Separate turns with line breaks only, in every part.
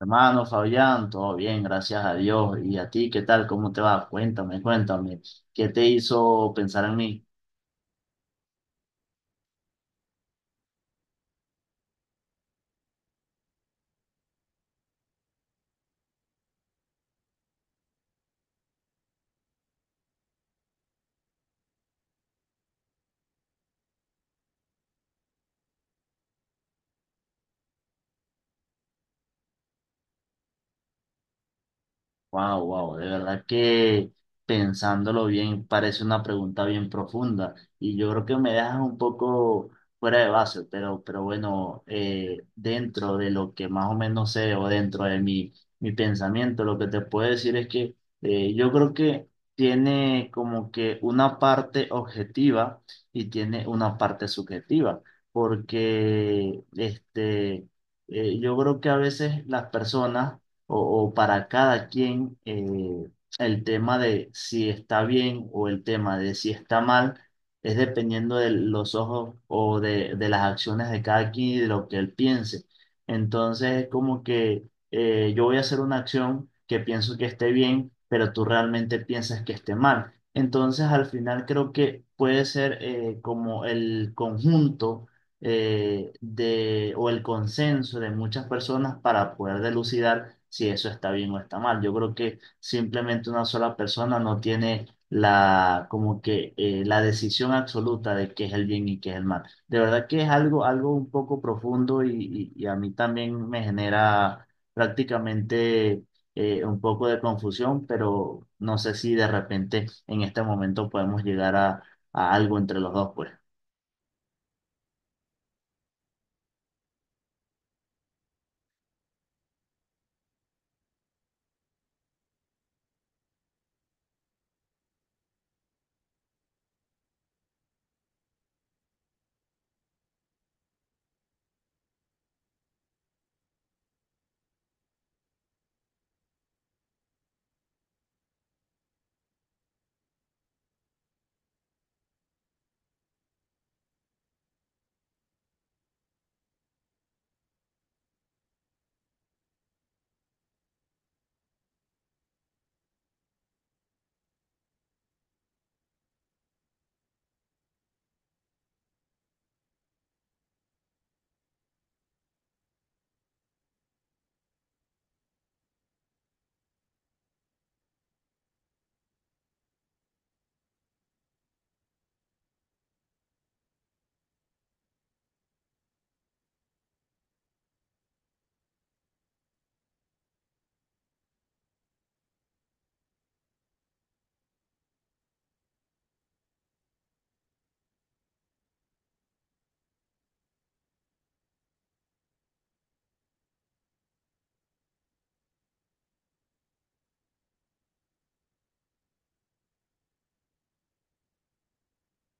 Hermano Fabián, todo bien, gracias a Dios. ¿Y a ti qué tal? ¿Cómo te va? Cuéntame, cuéntame. ¿Qué te hizo pensar en mí? Wow, wow, de verdad que pensándolo bien parece una pregunta bien profunda y yo creo que me dejas un poco fuera de base, pero bueno, dentro de lo que más o menos sé o dentro de mi pensamiento, lo que te puedo decir es que yo creo que tiene como que una parte objetiva y tiene una parte subjetiva, porque yo creo que a veces las personas o para cada quien el tema de si está bien o el tema de si está mal es dependiendo de los ojos o de las acciones de cada quien y de lo que él piense. Entonces es como que yo voy a hacer una acción que pienso que esté bien, pero tú realmente piensas que esté mal. Entonces al final creo que puede ser como el conjunto, o el consenso de muchas personas para poder delucidar si eso está bien o está mal. Yo creo que simplemente una sola persona no tiene la decisión absoluta de qué es el bien y qué es el mal. De verdad que es algo un poco profundo, y a mí también me genera prácticamente un poco de confusión, pero no sé si de repente en este momento podemos llegar a algo entre los dos, pues.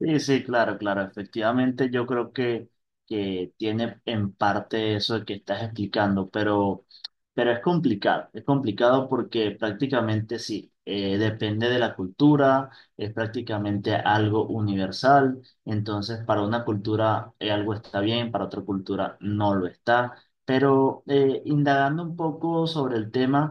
Sí, sí, claro, claro. Efectivamente, yo creo que tiene en parte eso que estás explicando, pero es complicado. Es complicado porque prácticamente sí, depende de la cultura, es prácticamente algo universal. Entonces, para una cultura algo está bien, para otra cultura no lo está. Pero indagando un poco sobre el tema,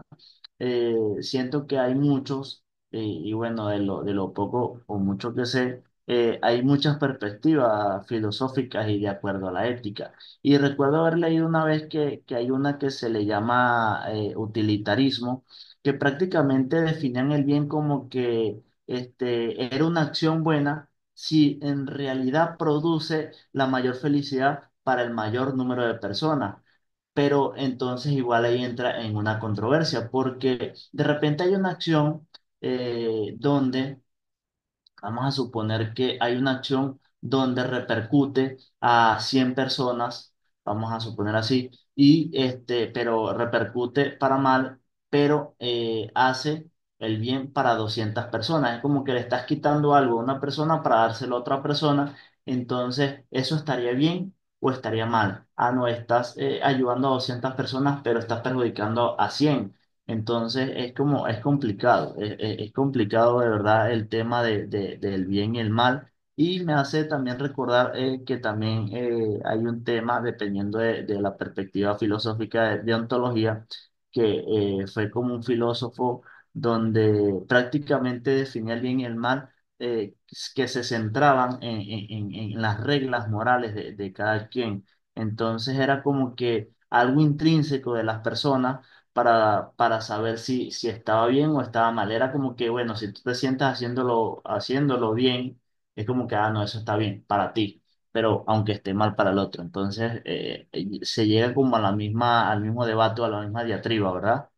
eh, siento que hay muchos. Y bueno, de lo poco o mucho que sé hay muchas perspectivas filosóficas y de acuerdo a la ética. Y recuerdo haber leído una vez que hay una que se le llama utilitarismo, que prácticamente definían el bien como que era una acción buena si en realidad produce la mayor felicidad para el mayor número de personas. Pero entonces igual ahí entra en una controversia, porque de repente hay una acción donde Vamos a suponer que hay una acción donde repercute a 100 personas, vamos a suponer así, y pero repercute para mal, pero hace el bien para 200 personas. Es como que le estás quitando algo a una persona para dárselo a otra persona, entonces eso estaría bien o estaría mal. Ah, no, estás ayudando a 200 personas, pero estás perjudicando a 100. Entonces es como, es complicado, es complicado de verdad el tema del bien y el mal. Y me hace también recordar que también hay un tema, dependiendo de la perspectiva filosófica de ontología, que fue como un filósofo donde prácticamente definía el bien y el mal, eh, que se centraban en las reglas morales de cada quien. Entonces era como que algo intrínseco de las personas para saber si estaba bien o estaba mal. Era como que, bueno, si tú te sientas haciéndolo bien, es como que, ah, no, eso está bien para ti, pero aunque esté mal para el otro. Entonces, se llega como a la misma, al mismo debate, o a la misma diatriba, ¿verdad?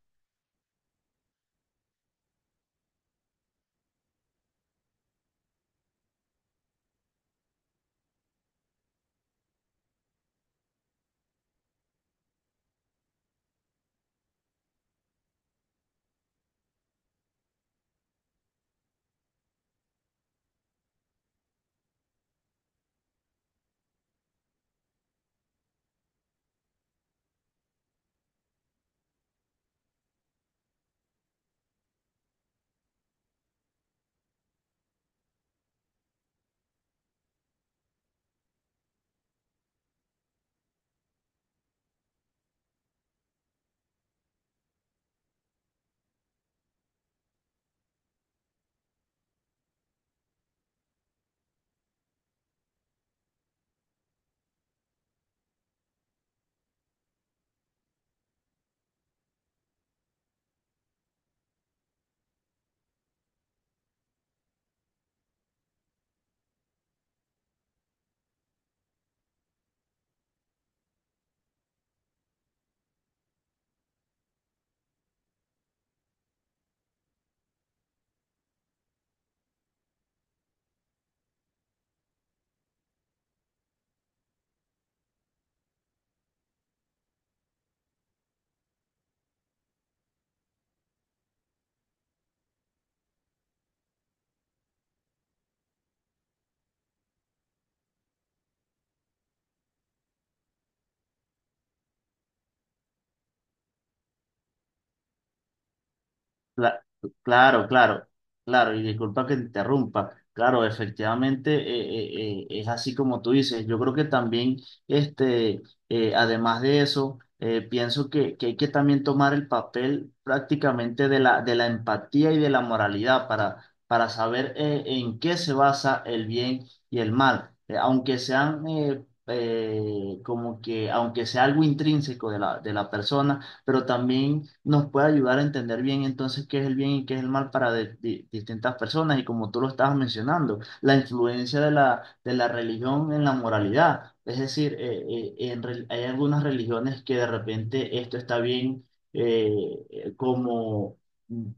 Cla- Claro, claro, claro, y disculpa que te interrumpa. Claro, efectivamente es así como tú dices. Yo creo que también, este, además de eso, pienso que hay que también tomar el papel prácticamente de la empatía y de la moralidad para saber en qué se basa el bien y el mal. Aunque sea algo intrínseco de la persona, pero también nos puede ayudar a entender bien entonces qué es el bien y qué es el mal para distintas personas. Y como tú lo estabas mencionando, la influencia de la religión en la moralidad. Es decir, hay algunas religiones que de repente esto está bien eh, eh, como...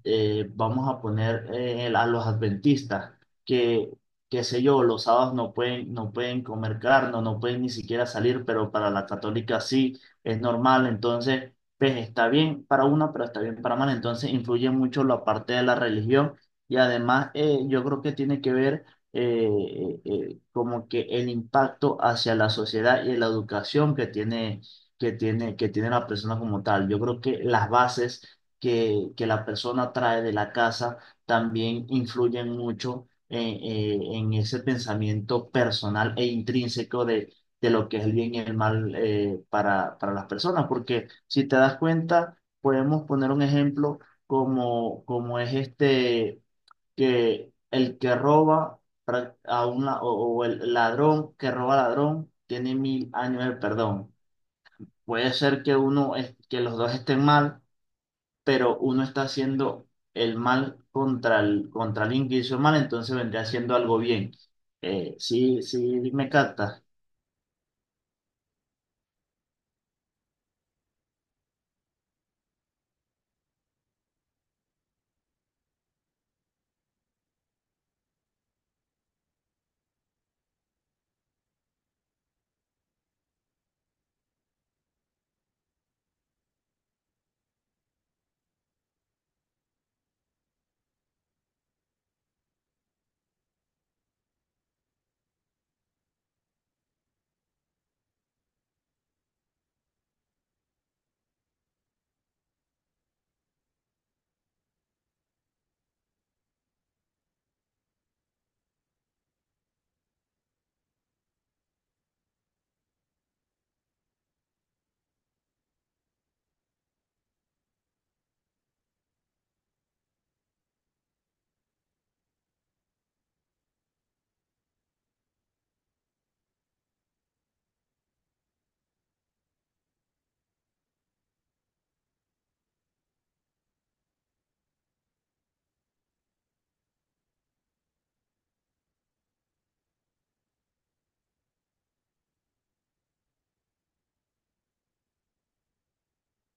vamos a poner a los adventistas, que qué sé yo, los sábados no pueden, no pueden comer carne, no pueden ni siquiera salir, pero para la católica sí es normal. Entonces, pues está bien para uno, pero está bien para mal. Entonces influye mucho la parte de la religión y además yo creo que tiene que ver eh, como que el impacto hacia la sociedad y la educación que tiene la persona como tal. Yo creo que las bases que la persona trae de la casa también influyen mucho en ese pensamiento personal e intrínseco de lo que es el bien y el mal para las personas. Porque si te das cuenta, podemos poner un ejemplo como es este, que el que roba pra- a una, o el ladrón que roba a ladrón tiene 1000 años de perdón. Puede ser que los dos estén mal, pero uno está haciendo el mal contra contra alguien que hizo mal, entonces vendría haciendo algo bien. Sí, sí, me capta.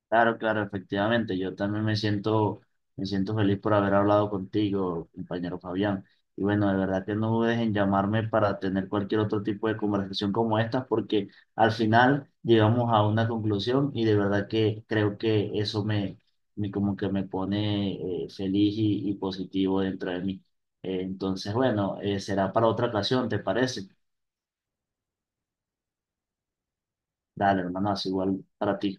Claro, claro, efectivamente. Yo también me siento feliz por haber hablado contigo, compañero Fabián. Y bueno, de verdad que no dudes en llamarme para tener cualquier otro tipo de conversación como esta, porque al final llegamos a una conclusión y de verdad que creo que eso me como que me pone feliz y positivo dentro de mí. Entonces, bueno, será para otra ocasión, ¿te parece? Dale, hermano, es igual para ti.